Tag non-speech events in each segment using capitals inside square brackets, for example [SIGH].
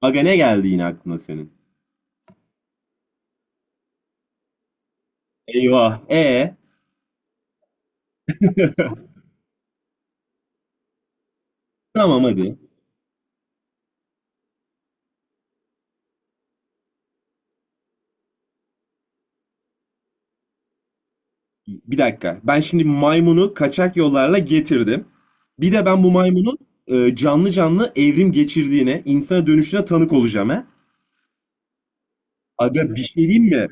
Aga ne geldi yine aklına senin? Eyvah. E. [LAUGHS] Tamam hadi. Bir dakika. Ben şimdi maymunu kaçak yollarla getirdim. Bir de ben bu maymunun canlı canlı evrim geçirdiğine, insana dönüşüne tanık olacağım he. Aga bir şey diyeyim mi?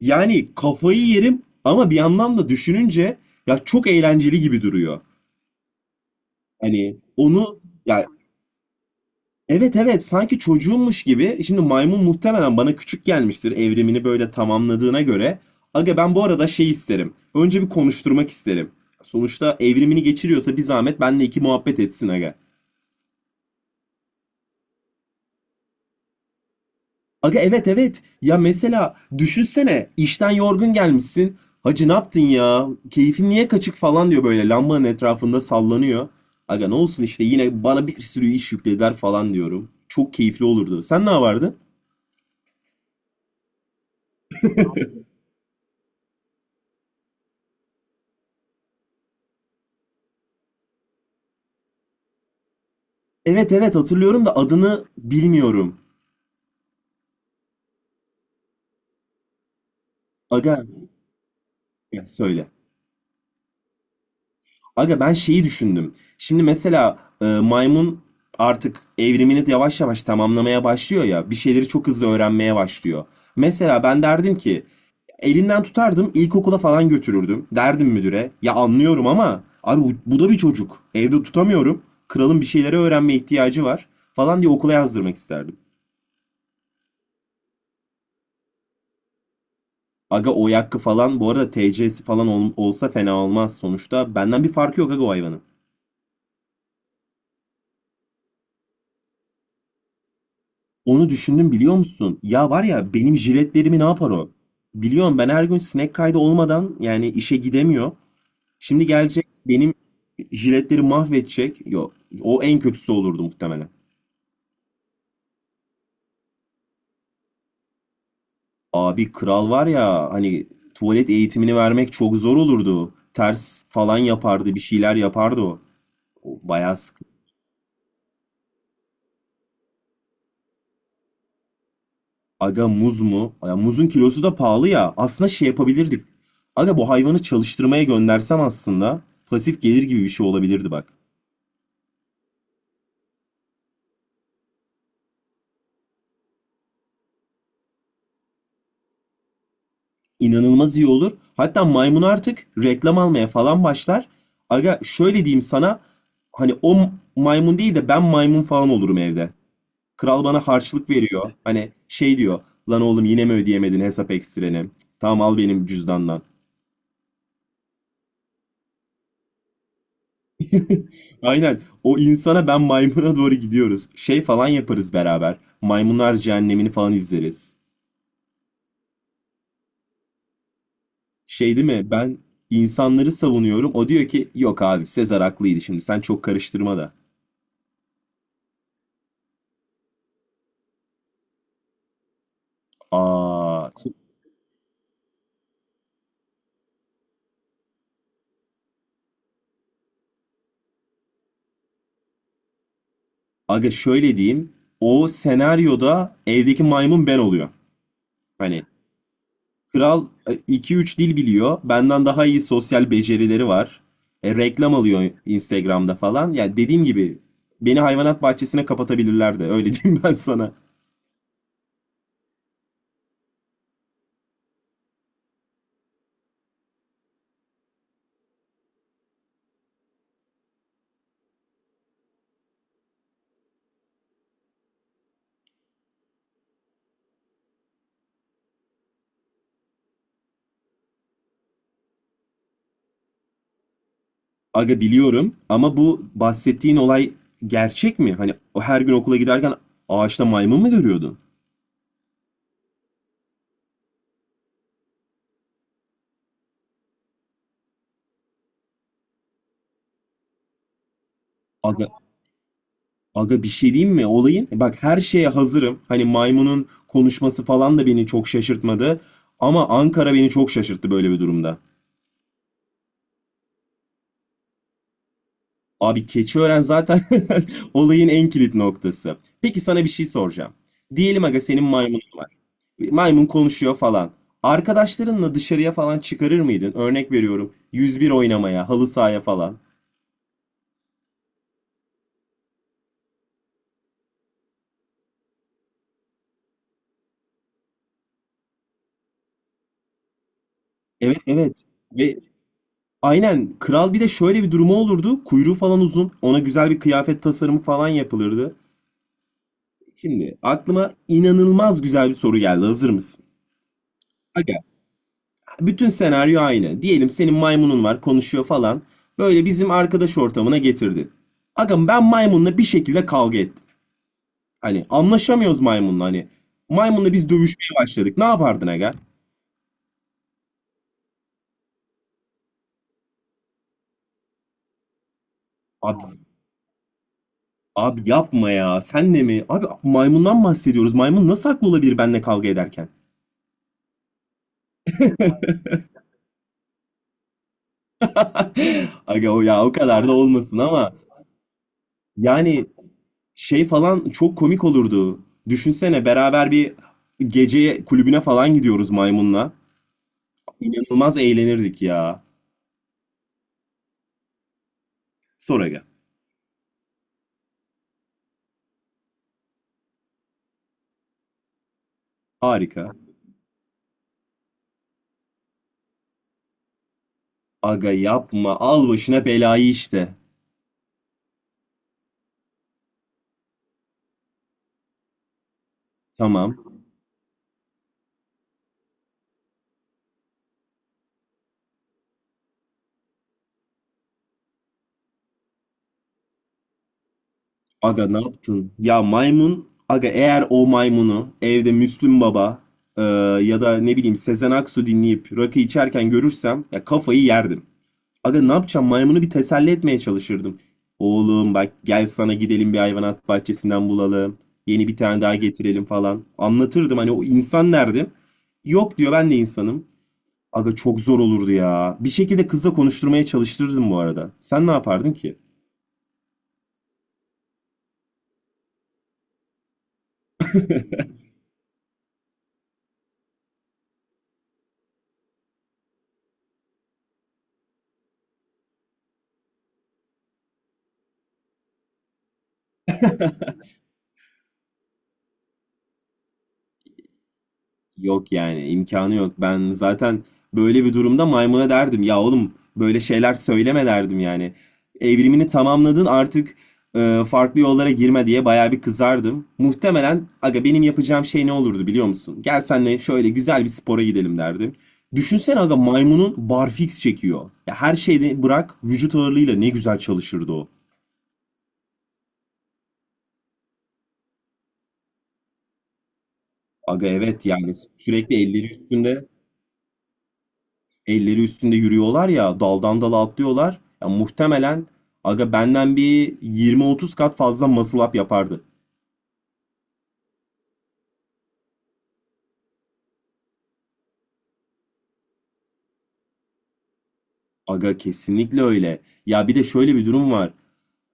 Yani kafayı yerim ama bir yandan da düşününce ya çok eğlenceli gibi duruyor. Hani onu ya. Evet evet, sanki çocuğummuş gibi. Şimdi maymun muhtemelen bana küçük gelmiştir evrimini böyle tamamladığına göre. Aga ben bu arada şey isterim. Önce bir konuşturmak isterim. Sonuçta evrimini geçiriyorsa bir zahmet benle iki muhabbet etsin aga. Aga evet evet. Ya mesela düşünsene işten yorgun gelmişsin. Hacı ne yaptın ya? Keyfin niye kaçık falan diyor böyle lambanın etrafında sallanıyor. Aga ne olsun işte yine bana bir sürü iş yüklediler falan diyorum. Çok keyifli olurdu. Sen ne yapardın? Evet evet hatırlıyorum da adını bilmiyorum. Aga ya söyle. Aga ben şeyi düşündüm. Şimdi mesela maymun artık evrimini yavaş yavaş tamamlamaya başlıyor ya. Bir şeyleri çok hızlı öğrenmeye başlıyor. Mesela ben derdim ki elinden tutardım ilkokula falan götürürdüm. Derdim müdüre ya anlıyorum ama abi bu da bir çocuk. Evde tutamıyorum. Kralın bir şeyleri öğrenmeye ihtiyacı var falan diye okula yazdırmak isterdim. Aga o yakkı falan bu arada TC'si falan olsa fena olmaz sonuçta. Benden bir farkı yok aga o hayvanın. Onu düşündüm biliyor musun? Ya var ya benim jiletlerimi ne yapar o? Biliyorum ben her gün sinek kaydı olmadan yani işe gidemiyor. Şimdi gelecek benim jiletleri mahvedecek. Yok, o en kötüsü olurdu muhtemelen. Abi kral var ya hani tuvalet eğitimini vermek çok zor olurdu. Ters falan yapardı bir şeyler yapardı o. O bayağı. Aga muz mu? Ya muzun kilosu da pahalı ya. Aslında şey yapabilirdik. Aga bu hayvanı çalıştırmaya göndersem aslında pasif gelir gibi bir şey olabilirdi bak. İnanılmaz iyi olur. Hatta maymun artık reklam almaya falan başlar. Aga şöyle diyeyim sana. Hani o maymun değil de ben maymun falan olurum evde. Kral bana harçlık veriyor. Hani şey diyor. Lan oğlum yine mi ödeyemedin hesap ekstreni? Tamam al benim cüzdandan. Aynen. O insana ben maymuna doğru gidiyoruz. Şey falan yaparız beraber. Maymunlar Cehennemini falan izleriz. Şey değil mi? Ben insanları savunuyorum. O diyor ki yok abi Sezar haklıydı şimdi. Sen çok karıştırma da. Aa, aga şöyle diyeyim. O senaryoda evdeki maymun ben oluyor. Hani kral iki üç dil biliyor. Benden daha iyi sosyal becerileri var. Reklam alıyor Instagram'da falan. Ya dediğim gibi beni hayvanat bahçesine kapatabilirlerdi. Öyle [LAUGHS] diyeyim ben sana. Aga biliyorum ama bu bahsettiğin olay gerçek mi? Hani o her gün okula giderken ağaçta maymun mu görüyordun? Aga, aga bir şey diyeyim mi? Olayın e bak her şeye hazırım. Hani maymunun konuşması falan da beni çok şaşırtmadı. Ama Ankara beni çok şaşırttı böyle bir durumda. Abi Keçiören zaten [LAUGHS] olayın en kilit noktası. Peki sana bir şey soracağım. Diyelim aga senin maymunun var. Maymun konuşuyor falan. Arkadaşlarınla dışarıya falan çıkarır mıydın? Örnek veriyorum. 101 oynamaya, halı sahaya falan. Evet evet. Ve aynen kral bir de şöyle bir durumu olurdu. Kuyruğu falan uzun. Ona güzel bir kıyafet tasarımı falan yapılırdı. Şimdi aklıma inanılmaz güzel bir soru geldi. Hazır mısın? Aga. Bütün senaryo aynı. Diyelim senin maymunun var, konuşuyor falan. Böyle bizim arkadaş ortamına getirdin. Aga ben maymunla bir şekilde kavga ettim. Hani anlaşamıyoruz maymunla hani. Maymunla biz dövüşmeye başladık. Ne yapardın aga? Abi, abi yapma ya. Sen de mi? Abi maymundan bahsediyoruz. Maymun nasıl haklı olabilir benimle kavga ederken? [LAUGHS] Aga o ya o kadar da olmasın ama yani şey falan çok komik olurdu. Düşünsene beraber bir gece kulübüne falan gidiyoruz maymunla. İnanılmaz eğlenirdik ya. Sor aga. Harika. Aga yapma. Al başına belayı işte. Tamam. Aga ne yaptın? Ya maymun. Aga eğer o maymunu evde Müslüm Baba e, ya da ne bileyim Sezen Aksu dinleyip rakı içerken görürsem ya kafayı yerdim. Aga ne yapacağım? Maymunu bir teselli etmeye çalışırdım. Oğlum bak gel sana gidelim bir hayvanat bahçesinden bulalım. Yeni bir tane daha getirelim falan. Anlatırdım hani o insan nerede? Yok diyor ben de insanım. Aga çok zor olurdu ya. Bir şekilde kızla konuşturmaya çalıştırırdım bu arada. Sen ne yapardın ki? Yok yani imkanı yok. Ben zaten böyle bir durumda maymuna derdim ya oğlum böyle şeyler söyleme derdim yani. Evrimini tamamladın artık farklı yollara girme diye bayağı bir kızardım. Muhtemelen aga benim yapacağım şey ne olurdu biliyor musun? Gel senle şöyle güzel bir spora gidelim derdim. Düşünsene aga maymunun barfiks çekiyor. Ya her şeyde bırak vücut ağırlığıyla ne güzel çalışırdı o. Aga evet yani sürekli elleri üstünde elleri üstünde yürüyorlar ya daldan dala atlıyorlar. Ya muhtemelen aga benden bir 20-30 kat fazla muscle up yapardı. Aga kesinlikle öyle. Ya bir de şöyle bir durum var.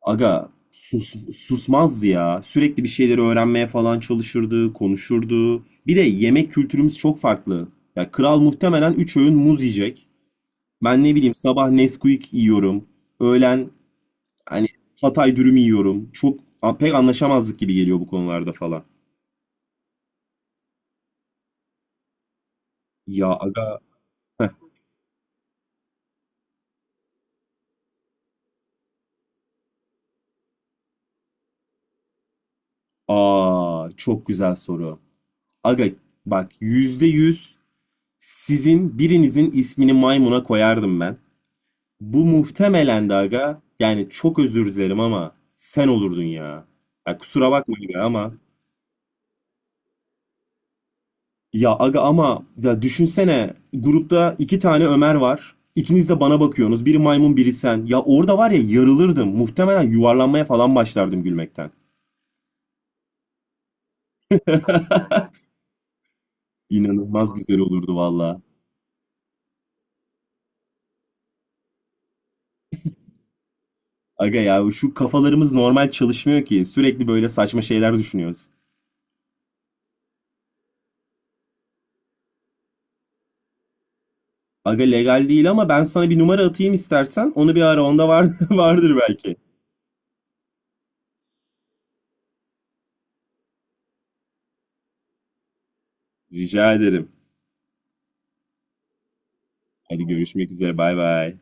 Aga sus, susmazdı ya. Sürekli bir şeyleri öğrenmeye falan çalışırdı, konuşurdu. Bir de yemek kültürümüz çok farklı. Ya kral muhtemelen 3 öğün muz yiyecek. Ben ne bileyim sabah Nesquik yiyorum. Öğlen hani Hatay dürüm yiyorum. Çok pek anlaşamazlık gibi geliyor bu konularda falan. Ya aga. Heh. Aa, çok güzel soru. Aga bak yüzde yüz sizin birinizin ismini maymuna koyardım ben. Bu muhtemelen de aga yani çok özür dilerim ama sen olurdun ya. Ya kusura bakma aga ama. Ya aga ama ya düşünsene grupta iki tane Ömer var. İkiniz de bana bakıyorsunuz. Biri maymun biri sen. Ya orada var ya yarılırdım. Muhtemelen yuvarlanmaya falan başlardım gülmekten. İnanılmaz güzel olurdu valla. Aga ya şu kafalarımız normal çalışmıyor ki. Sürekli böyle saçma şeyler düşünüyoruz. Aga legal değil ama ben sana bir numara atayım istersen. Onu bir ara onda var, [LAUGHS] vardır belki. Rica ederim. Hadi görüşmek üzere. Bay bay.